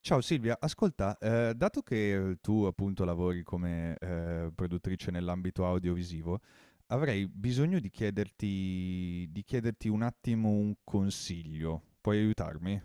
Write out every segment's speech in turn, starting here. Ciao Silvia, ascolta, dato che tu appunto lavori come produttrice nell'ambito audiovisivo, avrei bisogno di chiederti un attimo un consiglio. Puoi aiutarmi?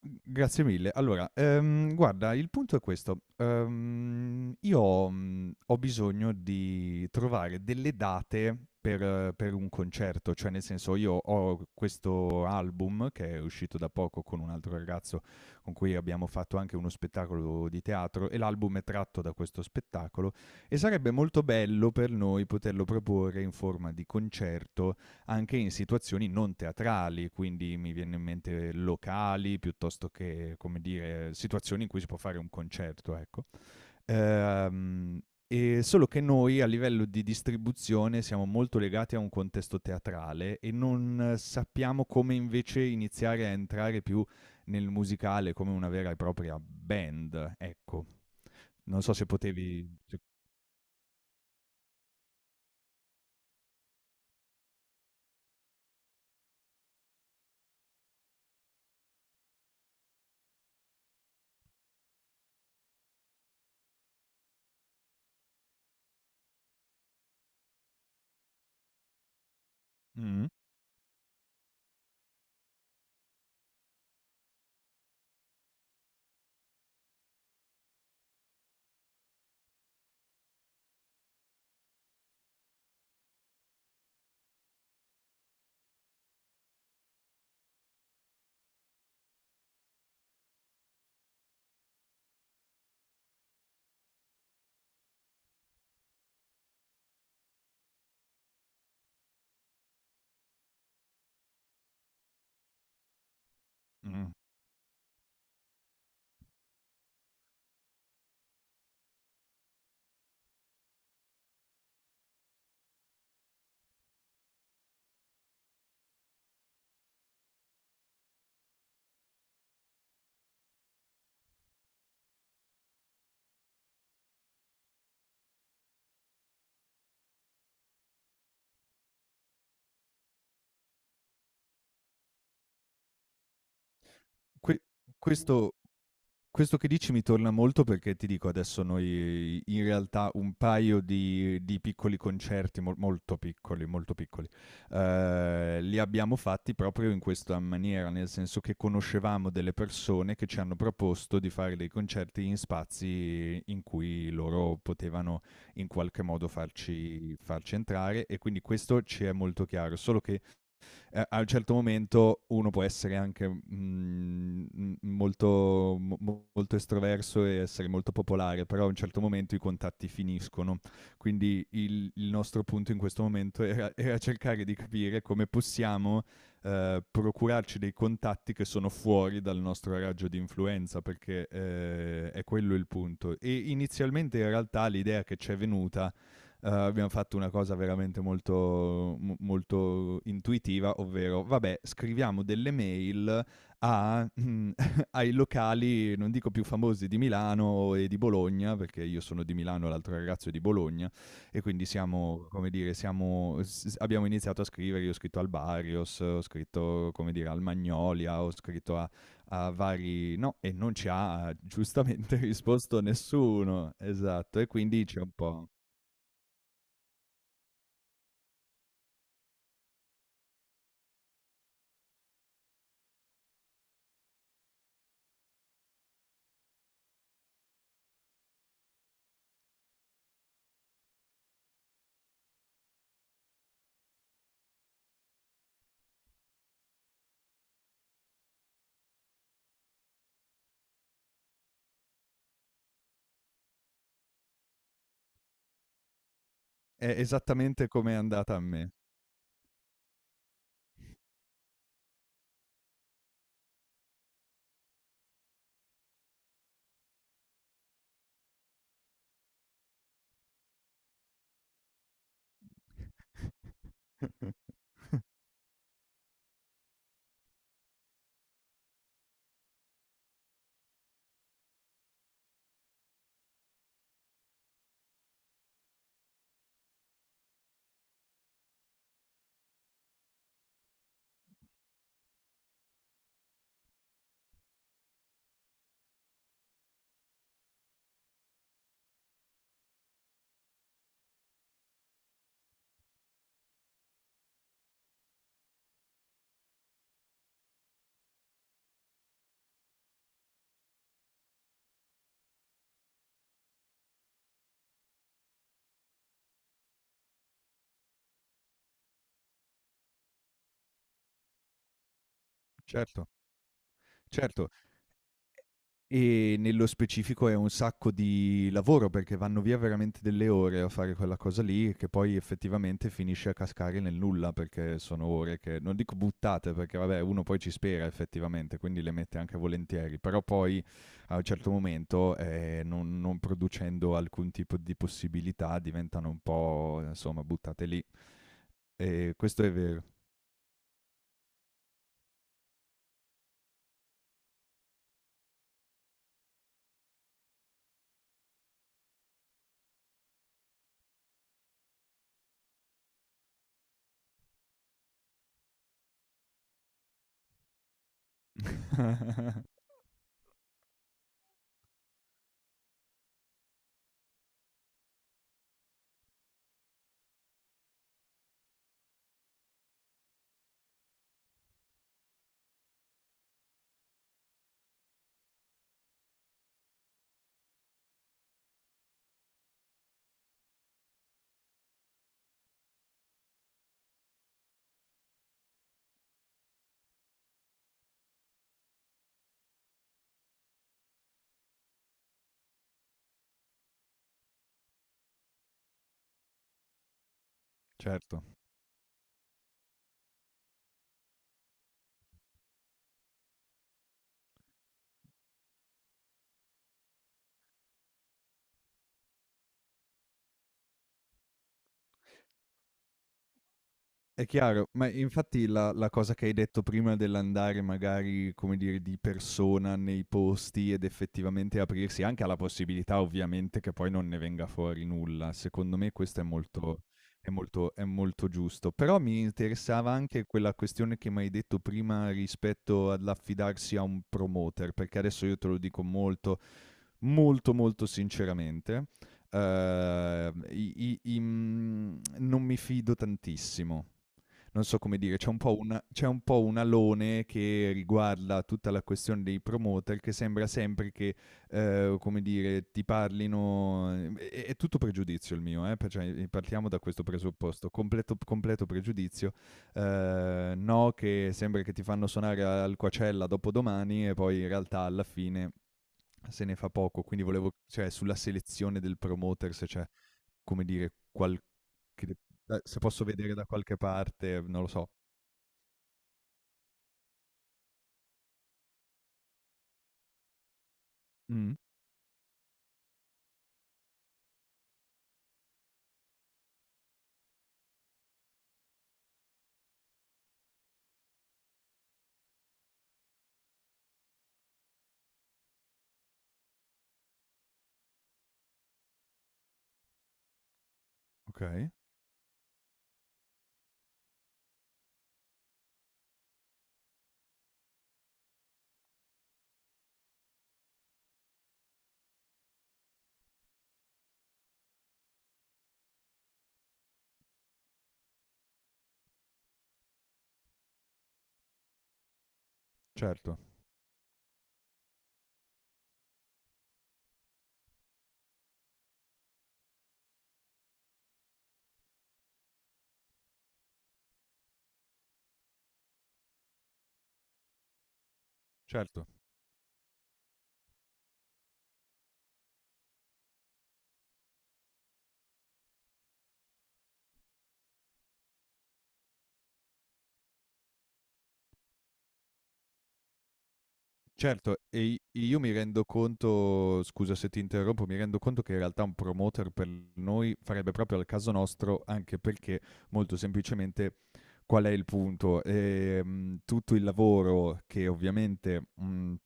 G grazie mille. Allora, guarda, il punto è questo. Io, ho bisogno di trovare delle date per un concerto, cioè nel senso io ho questo album che è uscito da poco con un altro ragazzo con cui abbiamo fatto anche uno spettacolo di teatro e l'album è tratto da questo spettacolo e sarebbe molto bello per noi poterlo proporre in forma di concerto, anche in situazioni non teatrali, quindi mi viene in mente locali piuttosto che, come dire, situazioni in cui si può fare un concerto, ecco. Ehm, e solo che noi a livello di distribuzione siamo molto legati a un contesto teatrale e non sappiamo come invece iniziare a entrare più nel musicale come una vera e propria band, ecco. Non so se potevi se mh, mh. Que questo Questo che dici mi torna molto perché ti dico adesso noi in realtà un paio di piccoli concerti, molto piccoli, molto piccoli, li abbiamo fatti proprio in questa maniera, nel senso che conoscevamo delle persone che ci hanno proposto di fare dei concerti in spazi in cui loro potevano in qualche modo farci entrare e quindi questo ci è molto chiaro, solo che a un certo momento uno può essere anche molto, molto estroverso e essere molto popolare, però a un certo momento i contatti finiscono. Quindi il nostro punto in questo momento era, era cercare di capire come possiamo procurarci dei contatti che sono fuori dal nostro raggio di influenza, perché è quello il punto. E inizialmente in realtà l'idea che ci è venuta abbiamo fatto una cosa veramente molto, molto intuitiva, ovvero, vabbè, scriviamo delle mail a- mm, ai locali, non dico più famosi di Milano e di Bologna, perché io sono di Milano, l'altro ragazzo è di Bologna, e quindi siamo, come dire, siamo, abbiamo iniziato a scrivere, io ho scritto al Barrios, ho scritto, come dire, al Magnolia, ho scritto a, a vari... No, e non ci ha giustamente risposto nessuno, esatto, e quindi c'è un po'... È esattamente come è andata a me. Certo, certo. E nello specifico è un sacco di lavoro, perché vanno via veramente delle ore a fare quella cosa lì, che poi effettivamente finisce a cascare nel nulla, perché sono ore che non dico buttate, perché vabbè, uno poi ci spera effettivamente, quindi le mette anche volentieri, però poi a un certo momento, non producendo alcun tipo di possibilità diventano un po', insomma, buttate lì. Questo è vero. Certo, è chiaro, ma infatti la cosa che hai detto prima dell'andare magari, come dire, di persona nei posti ed effettivamente aprirsi anche alla possibilità ovviamente che poi non ne venga fuori nulla, secondo me questo è molto è molto è molto giusto. Però mi interessava anche quella questione che m'hai detto prima rispetto all'affidarsi a un promoter, perché adesso io te lo dico molto molto molto sinceramente. Non mi fido tantissimo. Non so come dire, c'è un po' una- c'è un po' un alone che riguarda tutta la questione dei promoter che sembra sempre che, come dire, ti parlino... È, è tutto pregiudizio il mio, eh? Per- cioè, partiamo da questo presupposto, completo, completo pregiudizio, no che sembra che ti fanno suonare al Coachella dopo domani e poi in realtà alla fine se ne fa poco, quindi volevo, cioè, sulla selezione del promoter se c'è, come dire, qualche... se posso vedere da qualche parte, non lo so. Mm, ok, certo, certo. Certo, e i io mi rendo conto, scusa se ti interrompo, mi rendo conto che in realtà un promoter per noi farebbe proprio al caso nostro, anche perché molto semplicemente qual è il punto? Tutto il lavoro che ovviamente, mhmm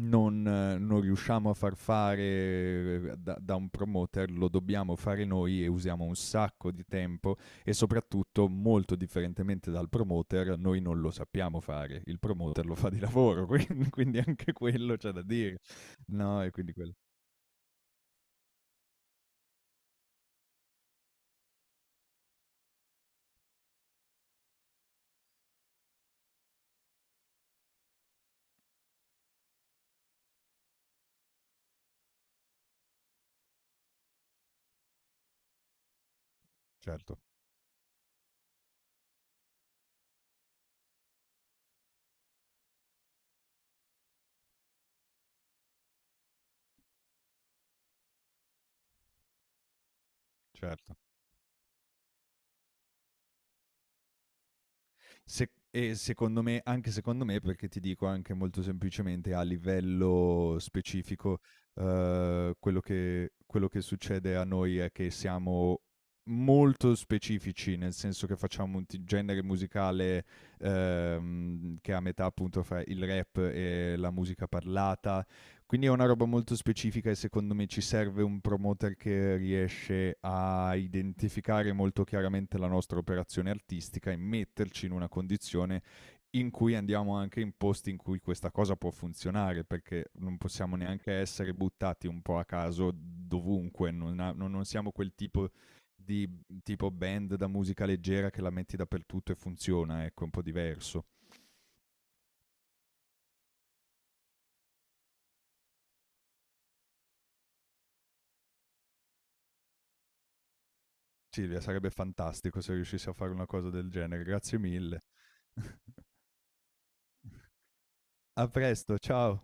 non, non riusciamo a far fare da, da un promoter, lo dobbiamo fare noi e usiamo un sacco di tempo e soprattutto, molto differentemente dal promoter, noi non lo sappiamo fare, il promoter lo fa di lavoro, quindi anche quello c'è da dire. No, e quindi quello certo, certo. E secondo me, anche secondo me, perché ti dico anche molto semplicemente a livello specifico, quello che succede a noi è che siamo molto specifici, nel senso che facciamo un genere musicale che è a metà appunto fra il rap e la musica parlata, quindi è una roba molto specifica e secondo me ci serve un promoter che riesce a identificare molto chiaramente la nostra operazione artistica e metterci in una condizione in cui andiamo anche in posti in cui questa cosa può funzionare, perché non possiamo neanche essere buttati un po' a caso dovunque, non, non siamo quel tipo di tipo band da musica leggera che la metti dappertutto e funziona, ecco, è un po' diverso. Silvia, sarebbe fantastico se riuscissi a fare una cosa del genere, grazie mille. A presto, ciao.